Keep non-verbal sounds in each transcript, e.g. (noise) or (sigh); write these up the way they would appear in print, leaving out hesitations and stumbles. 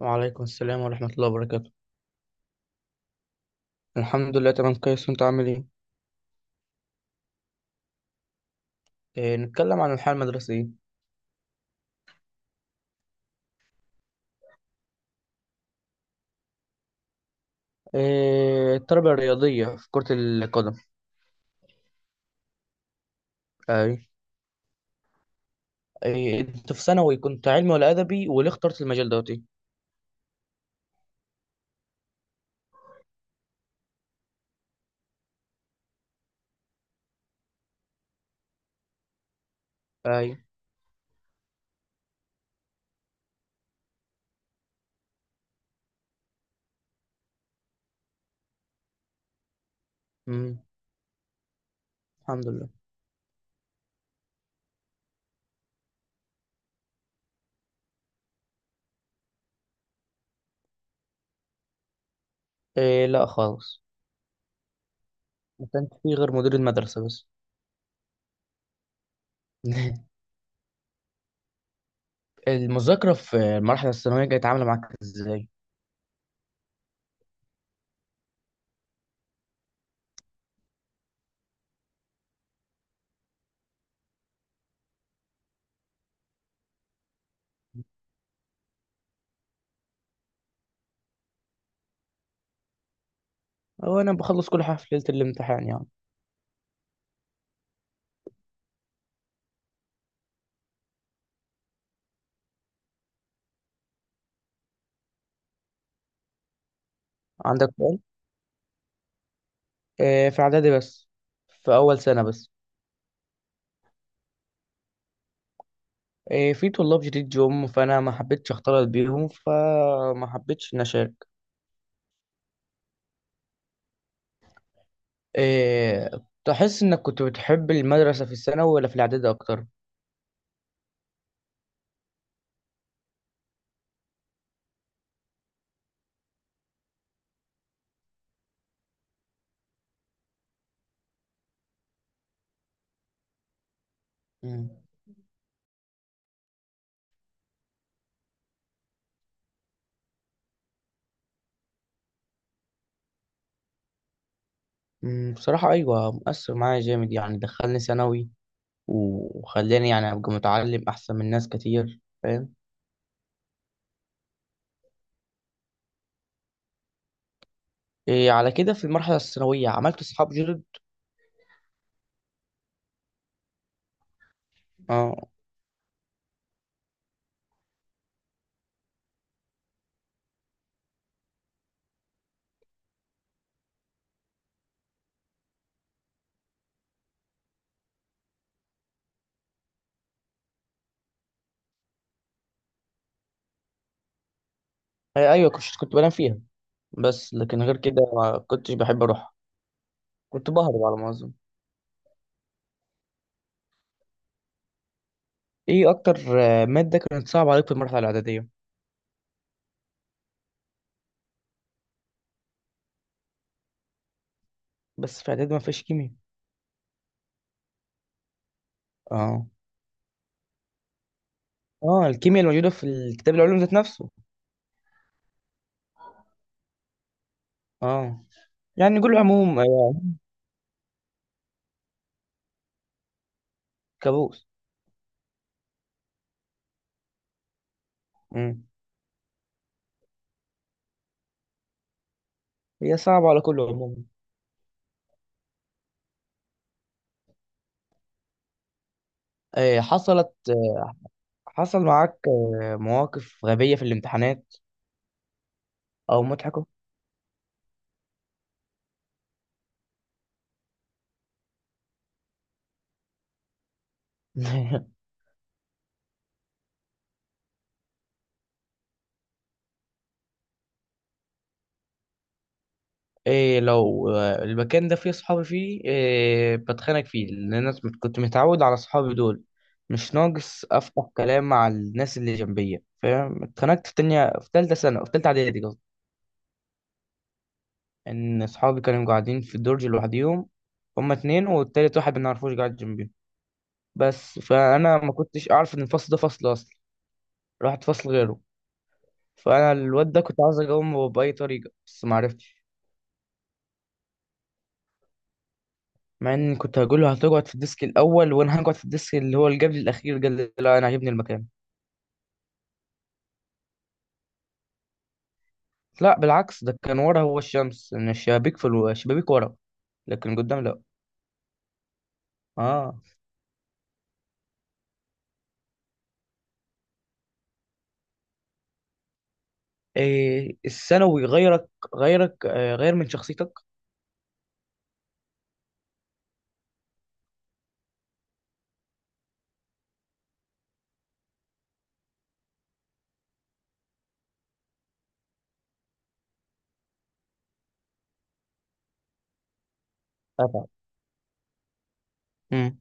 وعليكم السلام ورحمة الله وبركاته. الحمد لله تمام كويس، وانت عامل ايه؟ نتكلم عن الحياة المدرسية. التربية الرياضية في كرة القدم. اي. انت في ثانوي كنت علمي ولا أدبي، وليه اخترت المجال دوت ايه؟ اي. مم. الحمد لله. لا خالص. ما كانش فيه غير مدير المدرسة بس. (laughs) المذاكرة في المرحلة الثانوية كانت عاملة معاك ازاي؟ هو انا بخلص كل حاجة في ليلة الامتحان يعني. عندك سؤال؟ في إعدادي بس، في أول سنة بس. إيه، في طلاب جديد جم فانا ما حبيتش اختلط بيهم، فما حبيتش ان اشارك. إيه، تحس انك كنت بتحب المدرسة في الثانوي ولا في الاعدادي اكتر؟ مم. مم، بصراحة ايوه مؤثر معايا جامد، يعني دخلني ثانوي وخلاني يعني ابقى متعلم احسن من ناس كتير فاهم. إيه، على كده في المرحلة الثانوية عملت اصحاب جدد. اه. إيه، ايوه كنت بنام فيها، بس لكن غير كده ما كنتش بحب اروح. كنت بهرب على ما اظن. ايه اكتر مادة كانت صعبة عليك في المرحلة الاعدادية؟ بس في اعدادي ما فيهاش كيمياء. اه. اه الكيمياء الموجوده في الكتاب العلوم ذات نفسه. اه. يعني كل عموم. كابوس. مم. هي صعبه على كل عموم. آه، حصلت آه، حصل معاك مواقف غبيه في الامتحانات او مضحكه. (laughs) إيه، لو المكان ده فيه صحابي فيه، إيه بتخانق فيه، لأن أنا كنت متعود على صحابي دول. مش ناقص أفتح كلام مع الناس اللي جنبية فاهم. اتخانقت في تانية، في تالتة سنة، في تالتة إعدادي قصدي، ان اصحابي كانوا قاعدين في الدرج لوحديهم. هما اتنين والتالت واحد ما نعرفوش قاعد جنبي بس. فانا ما كنتش اعرف ان الفصل ده فصل اصلا، رحت فصل غيره. فانا الواد ده كنت عاوز اقومه باي طريقه بس ما عرفتش. مع ان كنت هقول له هتقعد في الديسك الاول، وانا هقعد في الديسك اللي هو اللي قبل الاخير. قال لي لا انا عاجبني المكان. لا بالعكس، ده كان ورا هو الشمس، ان الشبابيك الشبابيك ورا، لكن قدام لا. اه. إيه الثانوي غير من شخصيتك؟ أبعد.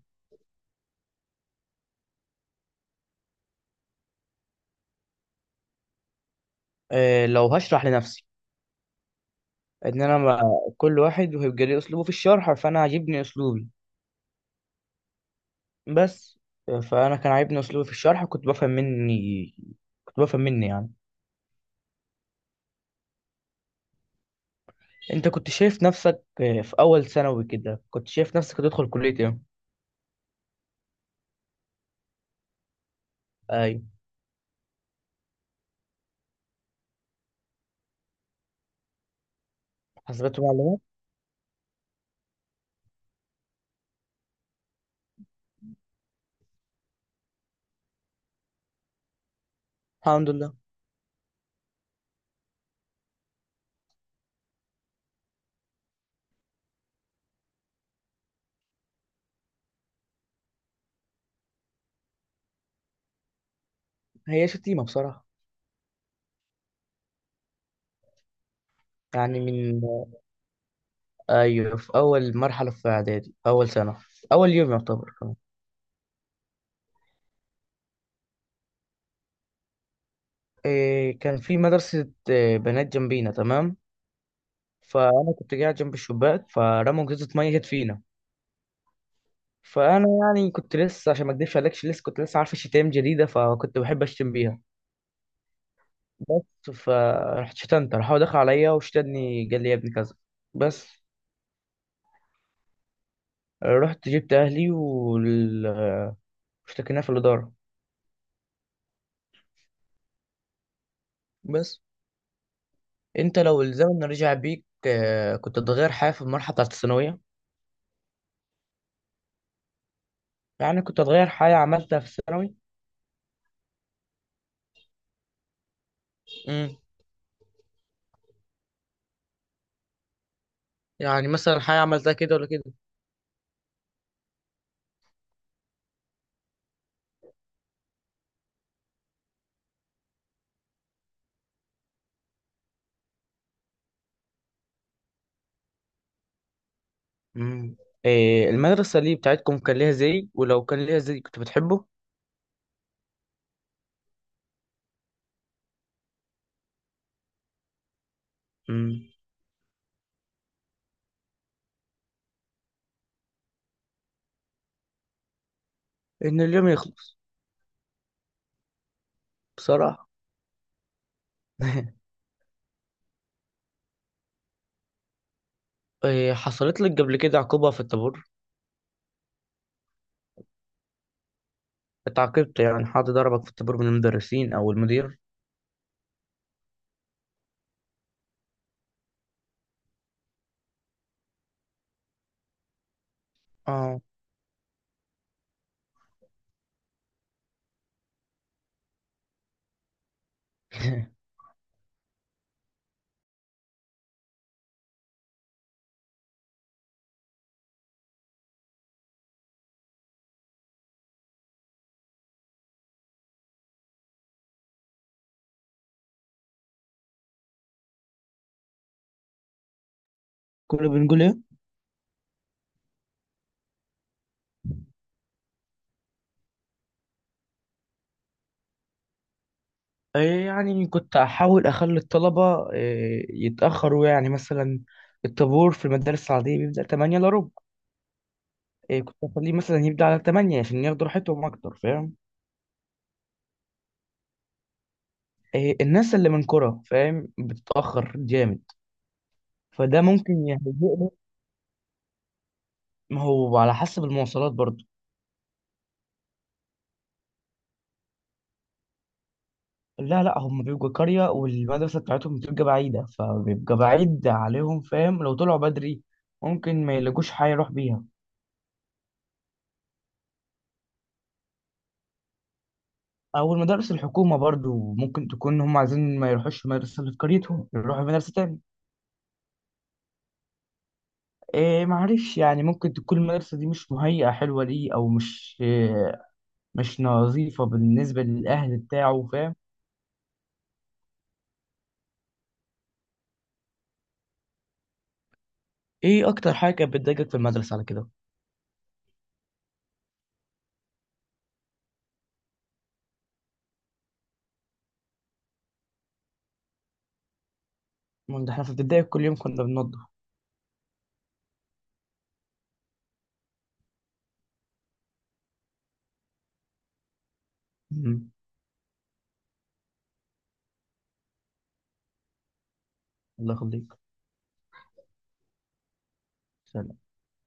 لو هشرح لنفسي، ان انا ما- كل واحد وهيبقى ليه اسلوبه في الشرح، فانا عاجبني اسلوبي بس. فانا كان عاجبني اسلوبي في الشرح، كنت بفهم مني يعني. انت كنت شايف نفسك في اول ثانوي كده، كنت شايف نفسك هتدخل كلية ايه؟ ايوه حاسبات ومعلومات. الحمد لله. هي شتيمة بصراحة. يعني من، ايوه في اول مرحلة في اعدادي، اول سنة، اول يوم يعتبر كمان. كان في مدرسة بنات جنبينا تمام، فانا كنت قاعد جنب الشباك، فرموا جزء ميه جت فينا. فانا يعني كنت لسه، عشان ما اكدبش عليكش لسه كنت لسه عارف شتايم جديده، فكنت بحب اشتم بيها بس. فرحت شتمت، راح هو دخل عليا وشتمني، قال لي يا ابني كذا بس. رحت جبت اهلي واشتكيناه في الاداره بس. انت لو الزمن رجع بيك كنت تغير حاجه في المرحله بتاعت الثانويه؟ يعني كنت تغير حاجه عملتها في الثانوي. امم. يعني مثلا حاجه عملتها كده ولا كده. امم. إيه المدرسة اللي بتاعتكم كان ليها زي، ولو كان ليها زي كنت بتحبه؟ امم. إن اليوم يخلص. بصراحة. (laughs) إيه حصلت لك قبل كده عقوبة في الطابور؟ اتعاقبت يعني، حد ضربك في الطابور من المدرسين أو المدير؟ اه. (laughs) كنا بنقول ايه؟ إيه يعني كنت احاول اخلي الطلبه إيه يتاخروا، يعني مثلا الطابور في المدارس العاديه بيبدا 8 الا ربع، إيه كنت اخليه مثلا يبدا على 8 عشان ياخدوا راحتهم اكتر فاهم. إيه الناس اللي من كرة فاهم بتتاخر جامد، فده ممكن يهيئني. ما هو على حسب المواصلات برضه. لا لا، هم بيبقوا قرية والمدرسة بتاعتهم بتبقى بعيدة، فبيبقى بعيد عليهم فاهم. لو طلعوا بدري ممكن ما يلاقوش حاجة يروح بيها. أو المدارس الحكومة برضو ممكن تكون هم عايزين ما يروحوش المدرسة اللي في قريتهم، يروحوا مدرسة تاني. إيه معرفش يعني، ممكن تكون المدرسة دي مش مهيئة حلوة ليه، أو مش إيه، مش نظيفة بالنسبة للأهل بتاعه فاهم. إيه أكتر حاجة كانت بتضايقك في المدرسة على كده؟ ما ده إحنا في ابتدائي كل يوم كنا بننضف. الله يخليك. سلام.